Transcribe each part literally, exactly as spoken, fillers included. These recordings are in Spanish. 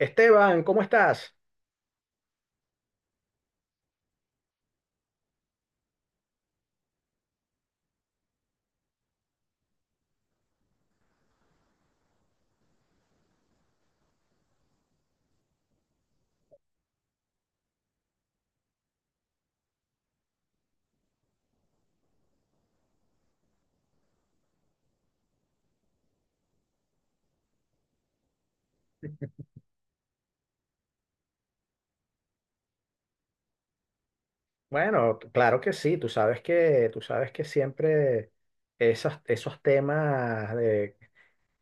Esteban, ¿cómo estás? Bueno, t- claro que sí, tú sabes que, tú sabes que siempre esas- esos temas de,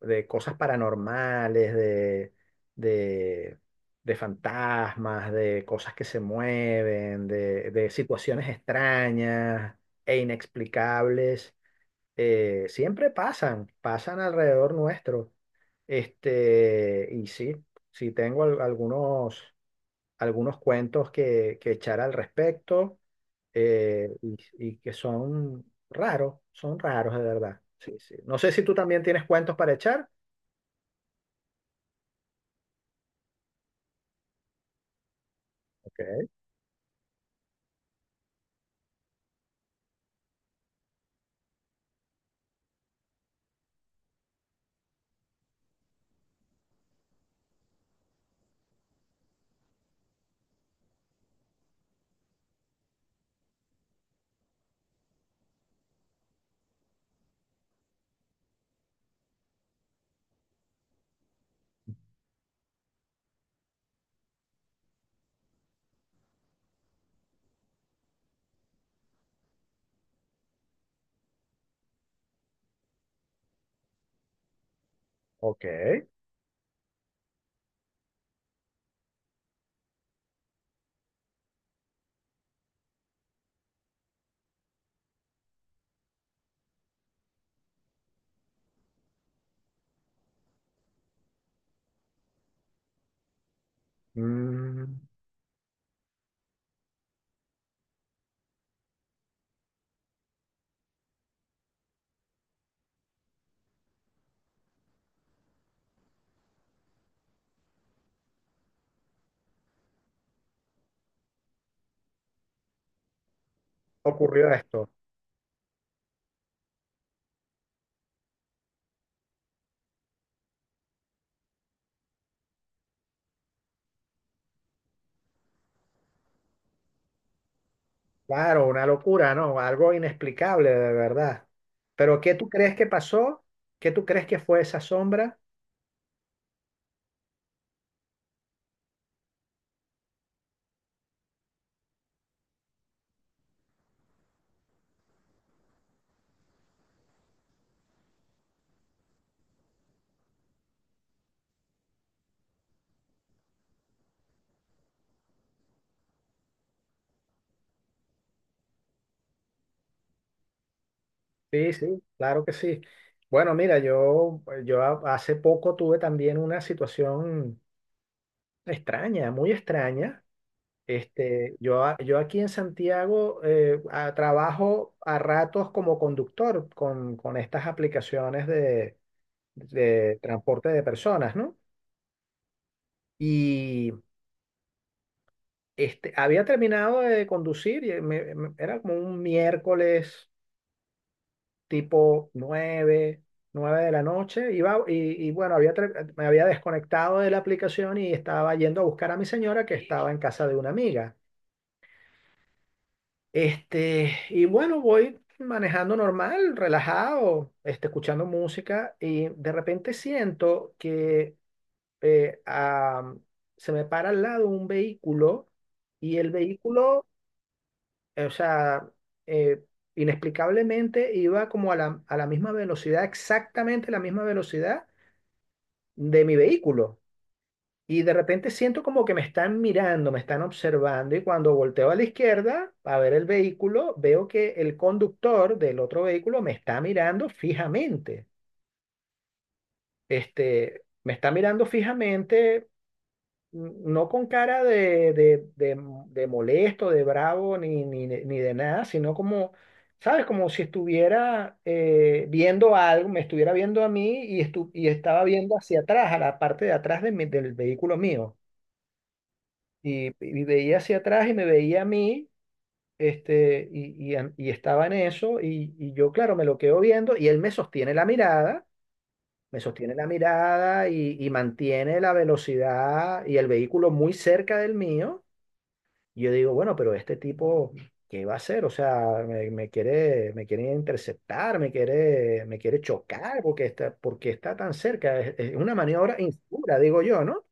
de cosas paranormales, de, de, de fantasmas, de cosas que se mueven, de, de situaciones extrañas e inexplicables, eh, siempre pasan, pasan alrededor nuestro. Este, y sí, sí tengo al- algunos. algunos cuentos que, que echar al respecto, eh, y, y que son raros, son raros de verdad. Sí, sí. No sé si tú también tienes cuentos para echar. Ok, ok. Mm, Ocurrió esto. Claro, una locura, ¿no? Algo inexplicable de verdad. Pero ¿qué tú crees que pasó? ¿Qué tú crees que fue esa sombra? Sí, sí, claro que sí. Bueno, mira, yo, yo ha- hace poco tuve también una situación extraña, muy extraña. Este, yo, a- yo aquí en Santiago, eh, a- trabajo a ratos como conductor con, con estas aplicaciones de, de transporte de personas, ¿no? Y este, había terminado de conducir, y me- me- era como un miércoles tipo nueve nueve de la noche, iba, y, y bueno, había, ter- me había desconectado de la aplicación y estaba yendo a buscar a mi señora que estaba en casa de una amiga. Este, y bueno, voy manejando normal, relajado, este, escuchando música y de repente siento que eh, ah, se me para al lado un vehículo y el vehículo, eh, o sea, eh, inexplicablemente iba como a la, a la misma velocidad, exactamente la misma velocidad de mi vehículo. Y de repente siento como que me están mirando, me están observando, y cuando volteo a la izquierda a ver el vehículo, veo que el conductor del otro vehículo me está mirando fijamente. Este, me está mirando fijamente, n- no con cara de, de, de, de molesto, de bravo, ni, ni, de- ni de nada, sino como, ¿sabes? Como si estuviera eh, viendo algo, me estuviera viendo a mí y, estu- y estaba viendo hacia atrás, a la parte de atrás de mi- del vehículo mío. y, y veía hacia atrás y me veía a mí. Este, y, y, y estaba en eso, y, y yo, claro, me lo quedo viendo, y él me sostiene la mirada, me sostiene la mirada y, y, mantiene la velocidad y el vehículo muy cerca del mío. Y yo digo, bueno, pero este tipo, ¿qué va a hacer? O sea, me, me quiere, me quiere interceptar, me quiere, me quiere chocar, porque está, porque está tan cerca. Es, es una maniobra insegura, digo yo, no.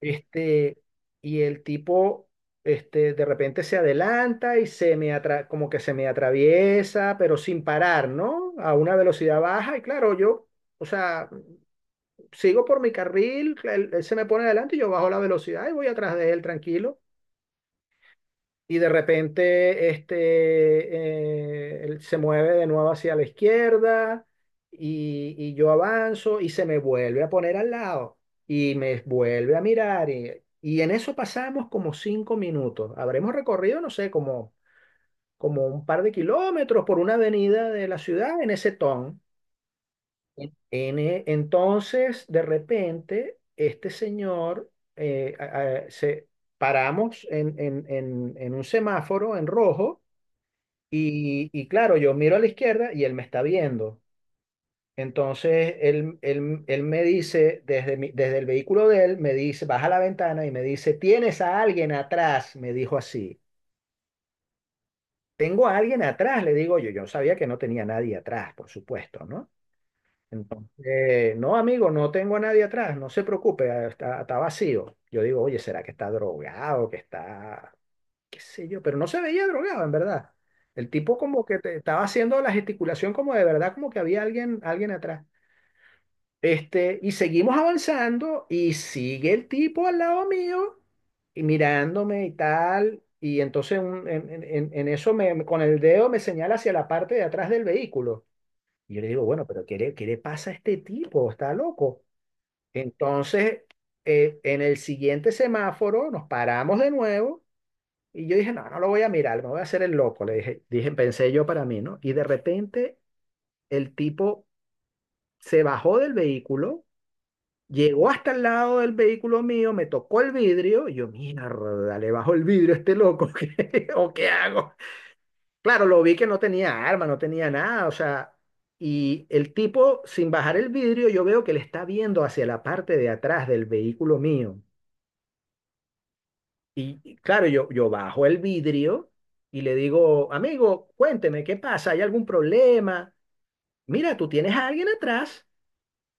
Este, y el tipo, este, de repente se adelanta y se me atra- como que se me atraviesa, pero sin parar, ¿no? A una velocidad baja y claro, yo, o sea, sigo por mi carril, él, él se me pone adelante y yo bajo la velocidad y voy atrás de él tranquilo. Y de repente este, eh, él se mueve de nuevo hacia la izquierda y, y yo avanzo y se me vuelve a poner al lado y me vuelve a mirar, y, y en eso pasamos como cinco minutos. Habremos recorrido, no sé, como, como un par de kilómetros por una avenida de la ciudad en ese ton. En e- entonces, de repente, este señor, eh, a- a- se, paramos en, en, en, en un semáforo en rojo. Y, y claro, yo miro a la izquierda y él me está viendo. Entonces él, él, él me dice, desde, mi- desde el vehículo de él, me dice, baja la ventana y me dice, ¿tienes a alguien atrás? Me dijo así. Tengo a alguien atrás, le digo yo. Yo sabía que no tenía nadie atrás, por supuesto, ¿no? Entonces, no, amigo, no tengo a nadie atrás, no se preocupe, está, está vacío. Yo digo, oye, ¿será que está drogado, que está, qué sé yo? Pero no se veía drogado, en verdad. El tipo como que te- estaba haciendo la gesticulación como de verdad, como que había alguien, alguien atrás. Este, y seguimos avanzando y sigue el tipo al lado mío y mirándome y tal. Y entonces un- en, en- en- en eso me, me- con el dedo me señala hacia la parte de atrás del vehículo. Y yo le digo, bueno, pero ¿qué le, qué le pasa a este tipo? Está loco. Entonces, eh, en el siguiente semáforo nos paramos de nuevo y yo dije, no, no lo voy a mirar, me voy a hacer el loco, le dije, dije, pensé yo para mí, ¿no? Y de repente el tipo se bajó del vehículo, llegó hasta el lado del vehículo mío, me tocó el vidrio, y yo, mierda, le bajo el vidrio a este loco, ¿qué- ¿o qué hago? Claro, lo vi que no tenía arma, no tenía nada, o sea, y el tipo, sin bajar el vidrio, yo veo que le está viendo hacia la parte de atrás del vehículo mío. Y y claro, yo, yo bajo el vidrio y le digo, amigo, cuénteme, ¿qué pasa? ¿Hay algún problema? Mira, tú tienes a alguien atrás.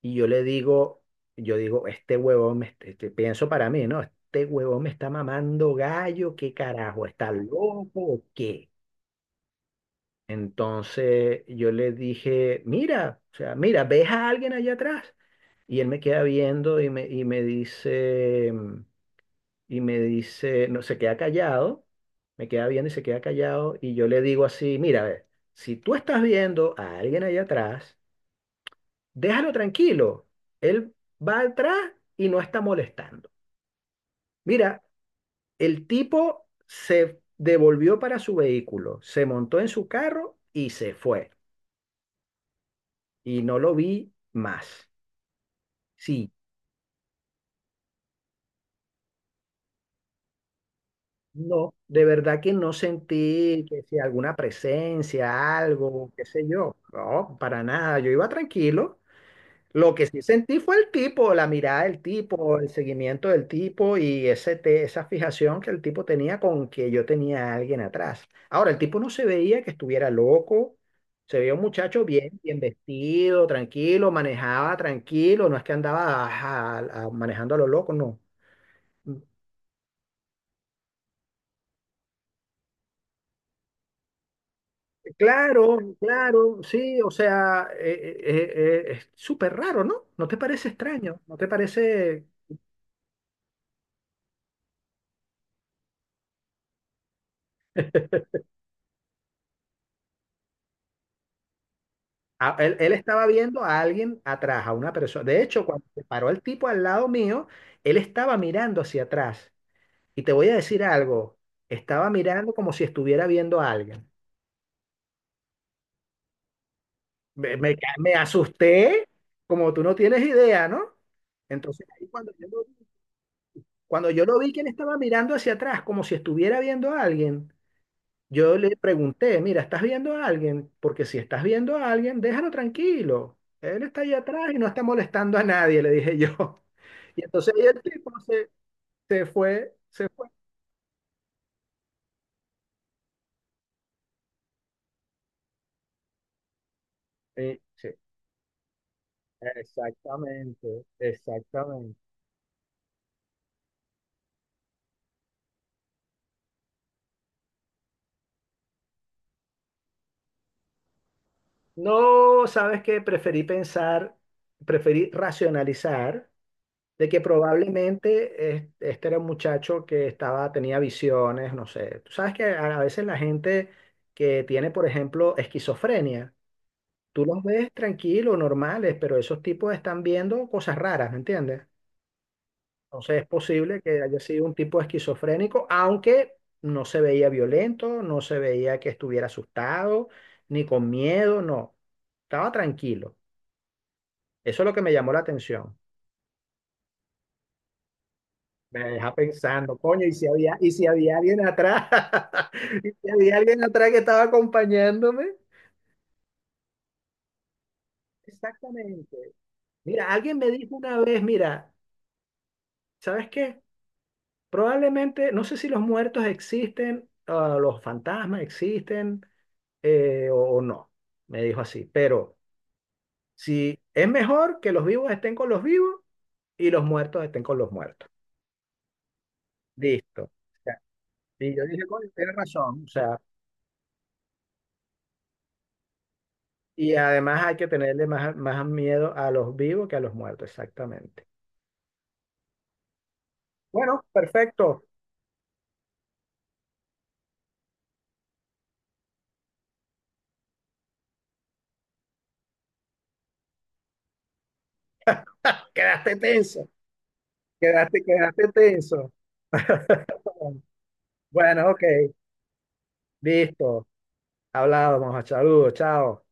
Y yo le digo, yo digo, este huevón, me, este- este- pienso para mí, ¿no? Este huevón me está mamando gallo, ¿qué carajo? ¿Está loco o qué? Entonces yo le dije, mira, o sea, mira, ¿ves a alguien allá atrás? Y él me queda viendo y me, y me dice... y me dice, no, se queda callado, me queda viendo y se queda callado, y yo le digo así, mira, a ver, si tú estás viendo a alguien allá atrás, déjalo tranquilo, él va atrás y no está molestando. Mira, el tipo se devolvió para su vehículo, se montó en su carro y se fue, y no lo vi más. Sí. No, de verdad que no sentí que si alguna presencia, algo, qué sé yo. No, para nada. Yo iba tranquilo. Lo que sí sentí fue el tipo, la mirada del tipo, el seguimiento del tipo y ese te- esa fijación que el tipo tenía con que yo tenía a alguien atrás. Ahora, el tipo no se veía que estuviera loco, se veía un muchacho bien, bien vestido, tranquilo, manejaba tranquilo, no es que andaba ajá, a- manejando a lo loco, no. Claro, claro, sí, o sea, eh, eh, eh, eh, es súper raro, ¿no? ¿No te parece extraño? ¿No te parece? A- él, él estaba viendo a alguien atrás, a una persona. De hecho, cuando se paró el tipo al lado mío, él estaba mirando hacia atrás. Y te voy a decir algo, estaba mirando como si estuviera viendo a alguien. Me, me, ca- me asusté, como tú no tienes idea, ¿no? Entonces, ahí, cuando yo, lo- cuando yo lo vi que él estaba mirando hacia atrás, como si estuviera viendo a alguien, yo le pregunté, mira, ¿estás viendo a alguien? Porque si estás viendo a alguien, déjalo tranquilo. Él está ahí atrás y no está molestando a nadie, le dije yo. Y entonces ahí el tipo se, se fue, se fue. Sí, sí, exactamente, exactamente. No, ¿sabes que Preferí pensar, preferí racionalizar de que probablemente es- este era un muchacho que estaba, tenía visiones, no sé. Tú sabes que a a veces la gente que tiene, por ejemplo, esquizofrenia, tú los ves tranquilos, normales, pero esos tipos están viendo cosas raras, ¿me entiendes? Entonces es posible que haya sido un tipo esquizofrénico, aunque no se veía violento, no se veía que estuviera asustado, ni con miedo, no. Estaba tranquilo. Eso es lo que me llamó la atención. Me deja pensando, coño, y si había, y si había alguien atrás, y si había alguien atrás que estaba acompañándome. Exactamente. Mira, alguien me dijo una vez, mira, ¿sabes qué? Probablemente, no sé si los muertos existen, ah, los fantasmas existen, eh, o, o no, me dijo así, pero si es mejor que los vivos estén con los vivos y los muertos estén con los muertos. Listo. O sea, y yo dije, coño, tiene razón, o sea, y además hay que tenerle más, más miedo a los vivos que a los muertos, exactamente. Bueno, perfecto. Quedaste tenso, quedaste, quedaste tenso. Bueno, ok, listo. Hablábamos, saludos, chao.